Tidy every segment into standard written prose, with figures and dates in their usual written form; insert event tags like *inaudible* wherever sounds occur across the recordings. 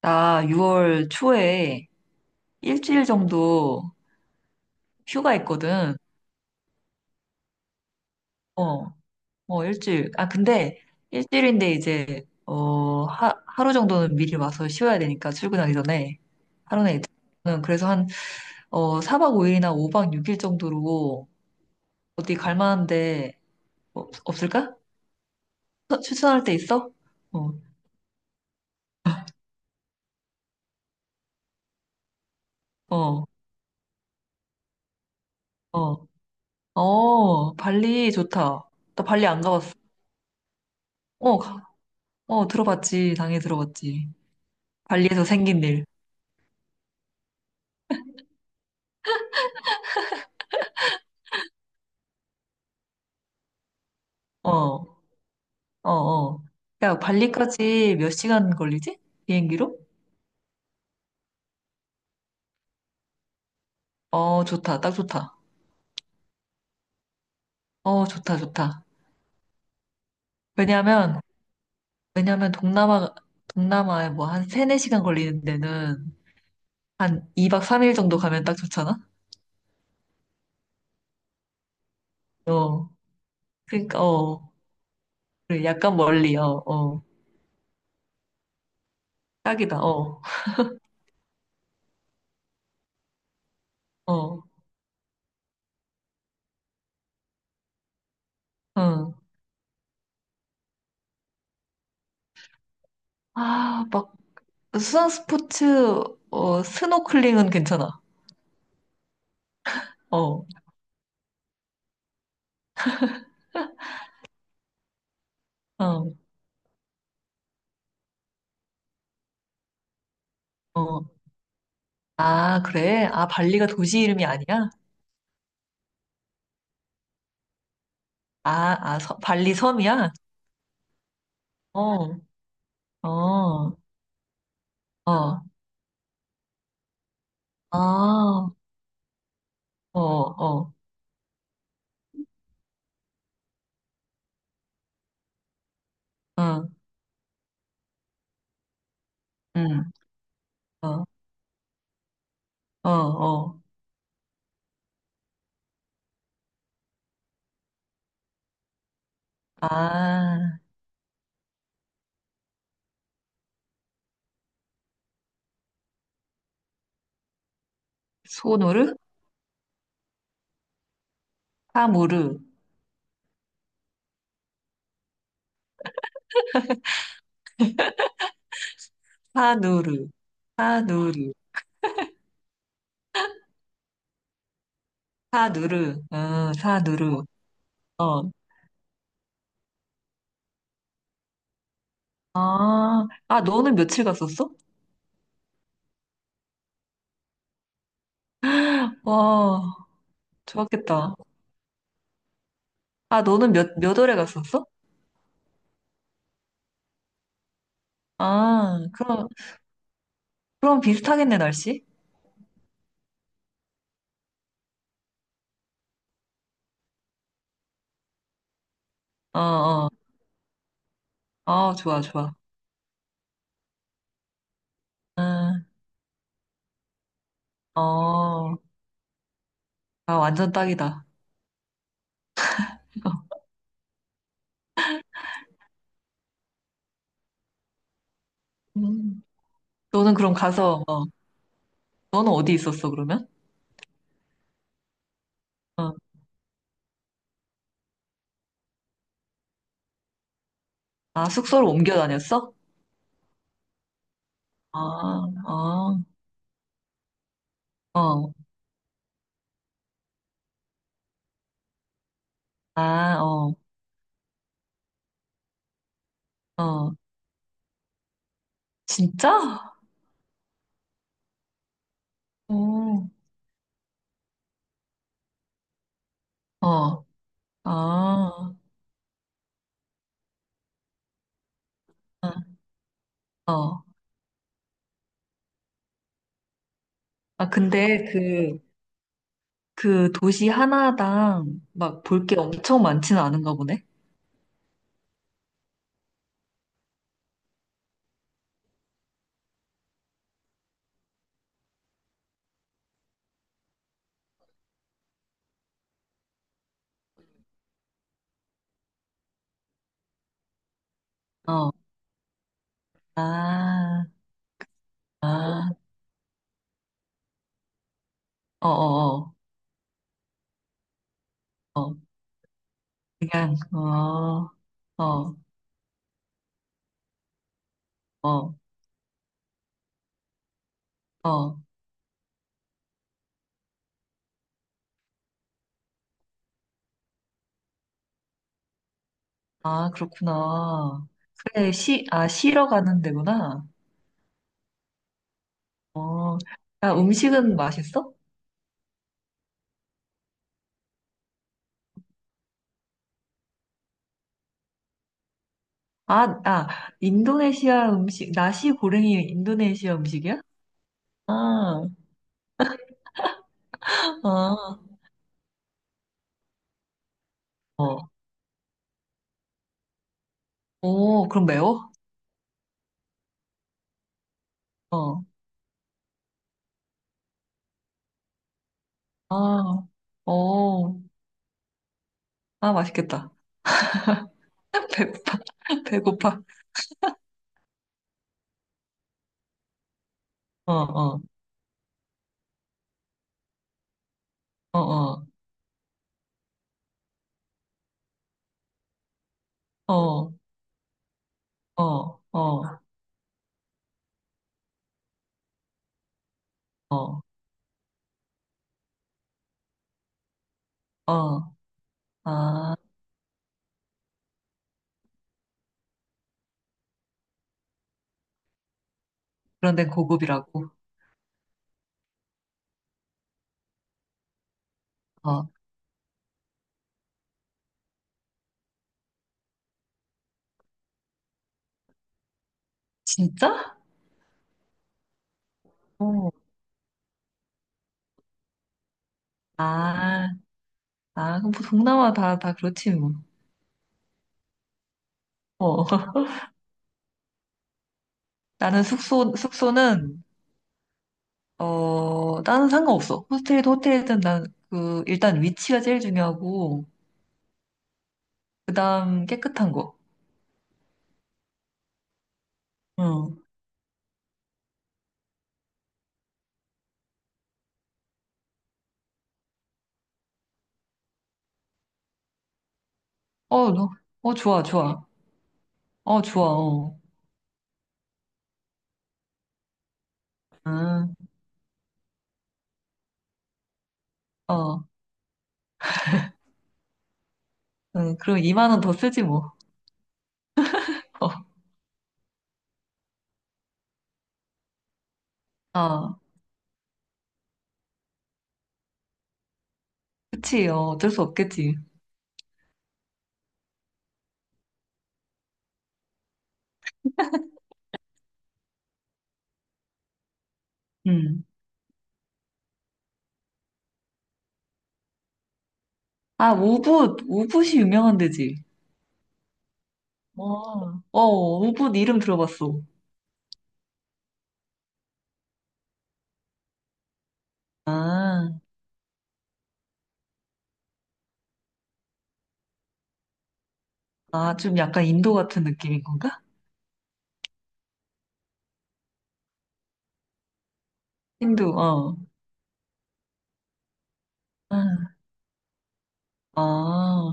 나 6월 초에 일주일 정도 휴가 있거든. 어, 어, 일주일. 아, 근데 일주일인데 이제, 어, 하루 정도는 미리 와서 쉬어야 되니까 출근하기 전에. 하루는 이제. 저는 그래서 한, 어, 4박 5일이나 5박 6일 정도로 어디 갈 만한데 없을까? 추천할 데 있어? 어, 어, 어. 어, 발리 좋다. 나 발리 안 가봤어. 어, 어, 들어봤지. 당연히 들어봤지. 발리에서 생긴 일. 어, 어, 어. 야, 발리까지 몇 시간 걸리지? 비행기로? 어, 좋다. 딱 좋다. 어, 좋다, 좋다. 왜냐면, 왜냐면 동남아, 동남아에 뭐 한 세네 시간 걸리는 데는 한 2박 3일 정도 가면 딱 좋잖아? 어. 그러니까, 어. 그래, 약간 멀리, 어, 어. 딱이다, 어, 어, 응. 아, 막, 수상 스포츠, 어, 스노클링은 괜찮아. 어, 어, 어. 아, 그래? 아, 발리가 도시 이름이 아니야? 아, 아, 서, 발리 섬이야? 어, 어, 어, 아, 어, 어, 응, 응, 어, 어, 어. 아, 소노르? 사무르, 사누르, 사누르, 사누르, 응, 사누르, 어. 아, 아, 너는 며칠 갔었어? 와, 좋았겠다. 아, 너는 몇 월에 갔었어? 아, 그럼, 그럼 비슷하겠네, 날씨? 어, 어, 어, 좋아, 좋아. 응, 어. 아, 완전 딱이다. *laughs* 음. 너는 그럼 가서, 어, 너는 어디 있었어, 그러면? 어, 아, 숙소를 옮겨 다녔어? 아, 어, 어, 아, 어, 어, 진짜? 어, 어, 아, 어. 어. 아, 근데 그, 그 도시 하나당 막 볼 게 엄청 많지는 않은가 보네? 어, 아, 아, 어, 어, 어, 어, 그냥, 어, 어, 어, 어. 아, 그렇구나. 그래, 아, 쉬러 가는 데구나. 어, 아, 음식은 맛있어? 아, 아, 인도네시아 음식, 나시 고랭이 인도네시아 음식이야? 아, 아, 어. 오, 그럼 매워? 어, 아, 오, 아, 맛있겠다. *laughs* 배고파, *laughs* 배고파. 어, 어, 어, 어, 어, 어, 어, 어, 어, 아, 그런데 고급이라고. 어, 진짜? 어. 아. 아, 그럼 뭐 동남아 다 그렇지, 뭐. 어. *laughs* 나는 숙소, 숙소는, 어, 나는 상관없어. 호스텔이든 호텔이든 난 그, 일단 위치가 제일 중요하고, 그 다음 깨끗한 거. 응. 어, 너, 어, 좋아, 좋아. 어, 좋아, 어. 응, 어. 응, 그럼 2만 원 더 쓰지, 뭐. *laughs* 어, 어. 그치, 어, 어쩔 수 없겠지. 응. 아, 우붓, 우붓이 유명한 데지. 어, 어, 우붓 이름 들어봤어. 아, 아, 좀 약간 인도 같은 느낌인 건가? 힌두, 어. 응. 아,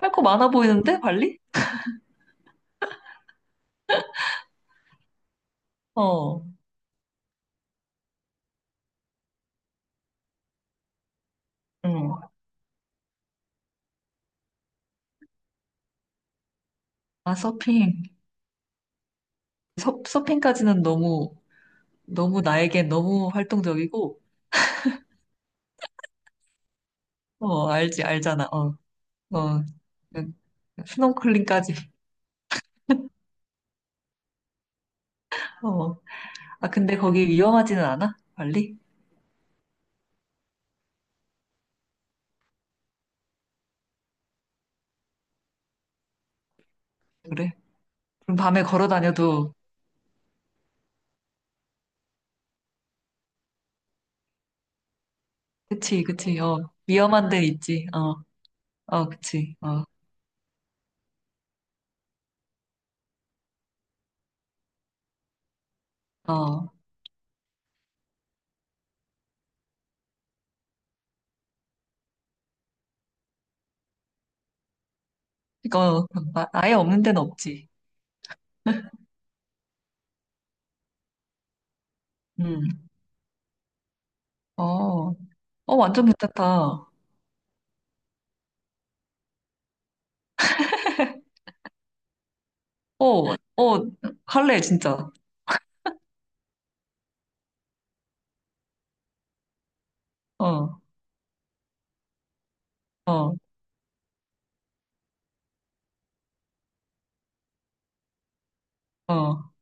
할 거 많아 보이는데, 발리? 어, 응. 아, 서핑. 서핑까지는 너무, 너무 나에겐 너무 활동적이고, 어, 알지, 알잖아, 어, 어. 응. 스노클링까지. 어. 아, 근데 거기 위험하지는 않아? 발리? 그래. 그럼 밤에 걸어 다녀도, 그치, 그치, 어. 위험한 데는 있지, 어, 어, 그치, 어, 어. 이거, 아, 아예 없는 데는 없지. 음. 어, 어, 완전 괜찮다. 어, 어, 갈래, 진짜. 어, 어, 어.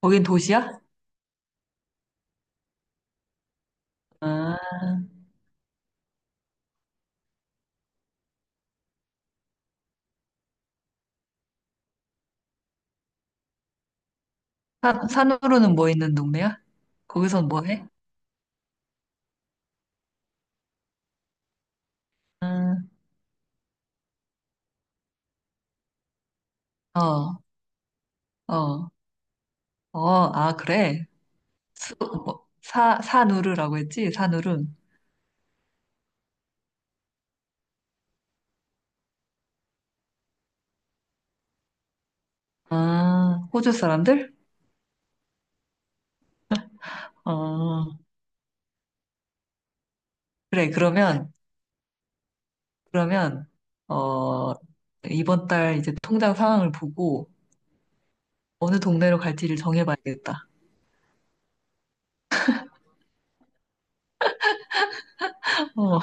거긴 도시야? 아, 산으로는 뭐 있는 동네야? 거기선 뭐 해? 음, 어, 어, 어, 아, 그래. 뭐, 사누르라고 했지? 사누르. 아, 호주 사람들? 어, 그래. 그러면, 어, 이번 달 이제 통장 상황을 보고 어느 동네로 갈지를 정해봐야겠다. 어,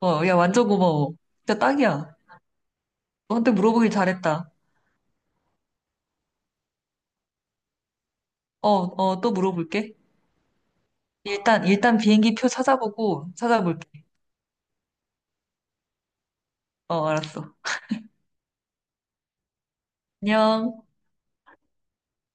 어, 야, 완전 고마워. 진짜 딱이야. 너한테 물어보길 잘했다. 어, 어, 또 물어볼게. 일단 비행기 표 찾아보고 찾아볼게. 어, 알았어. 안녕.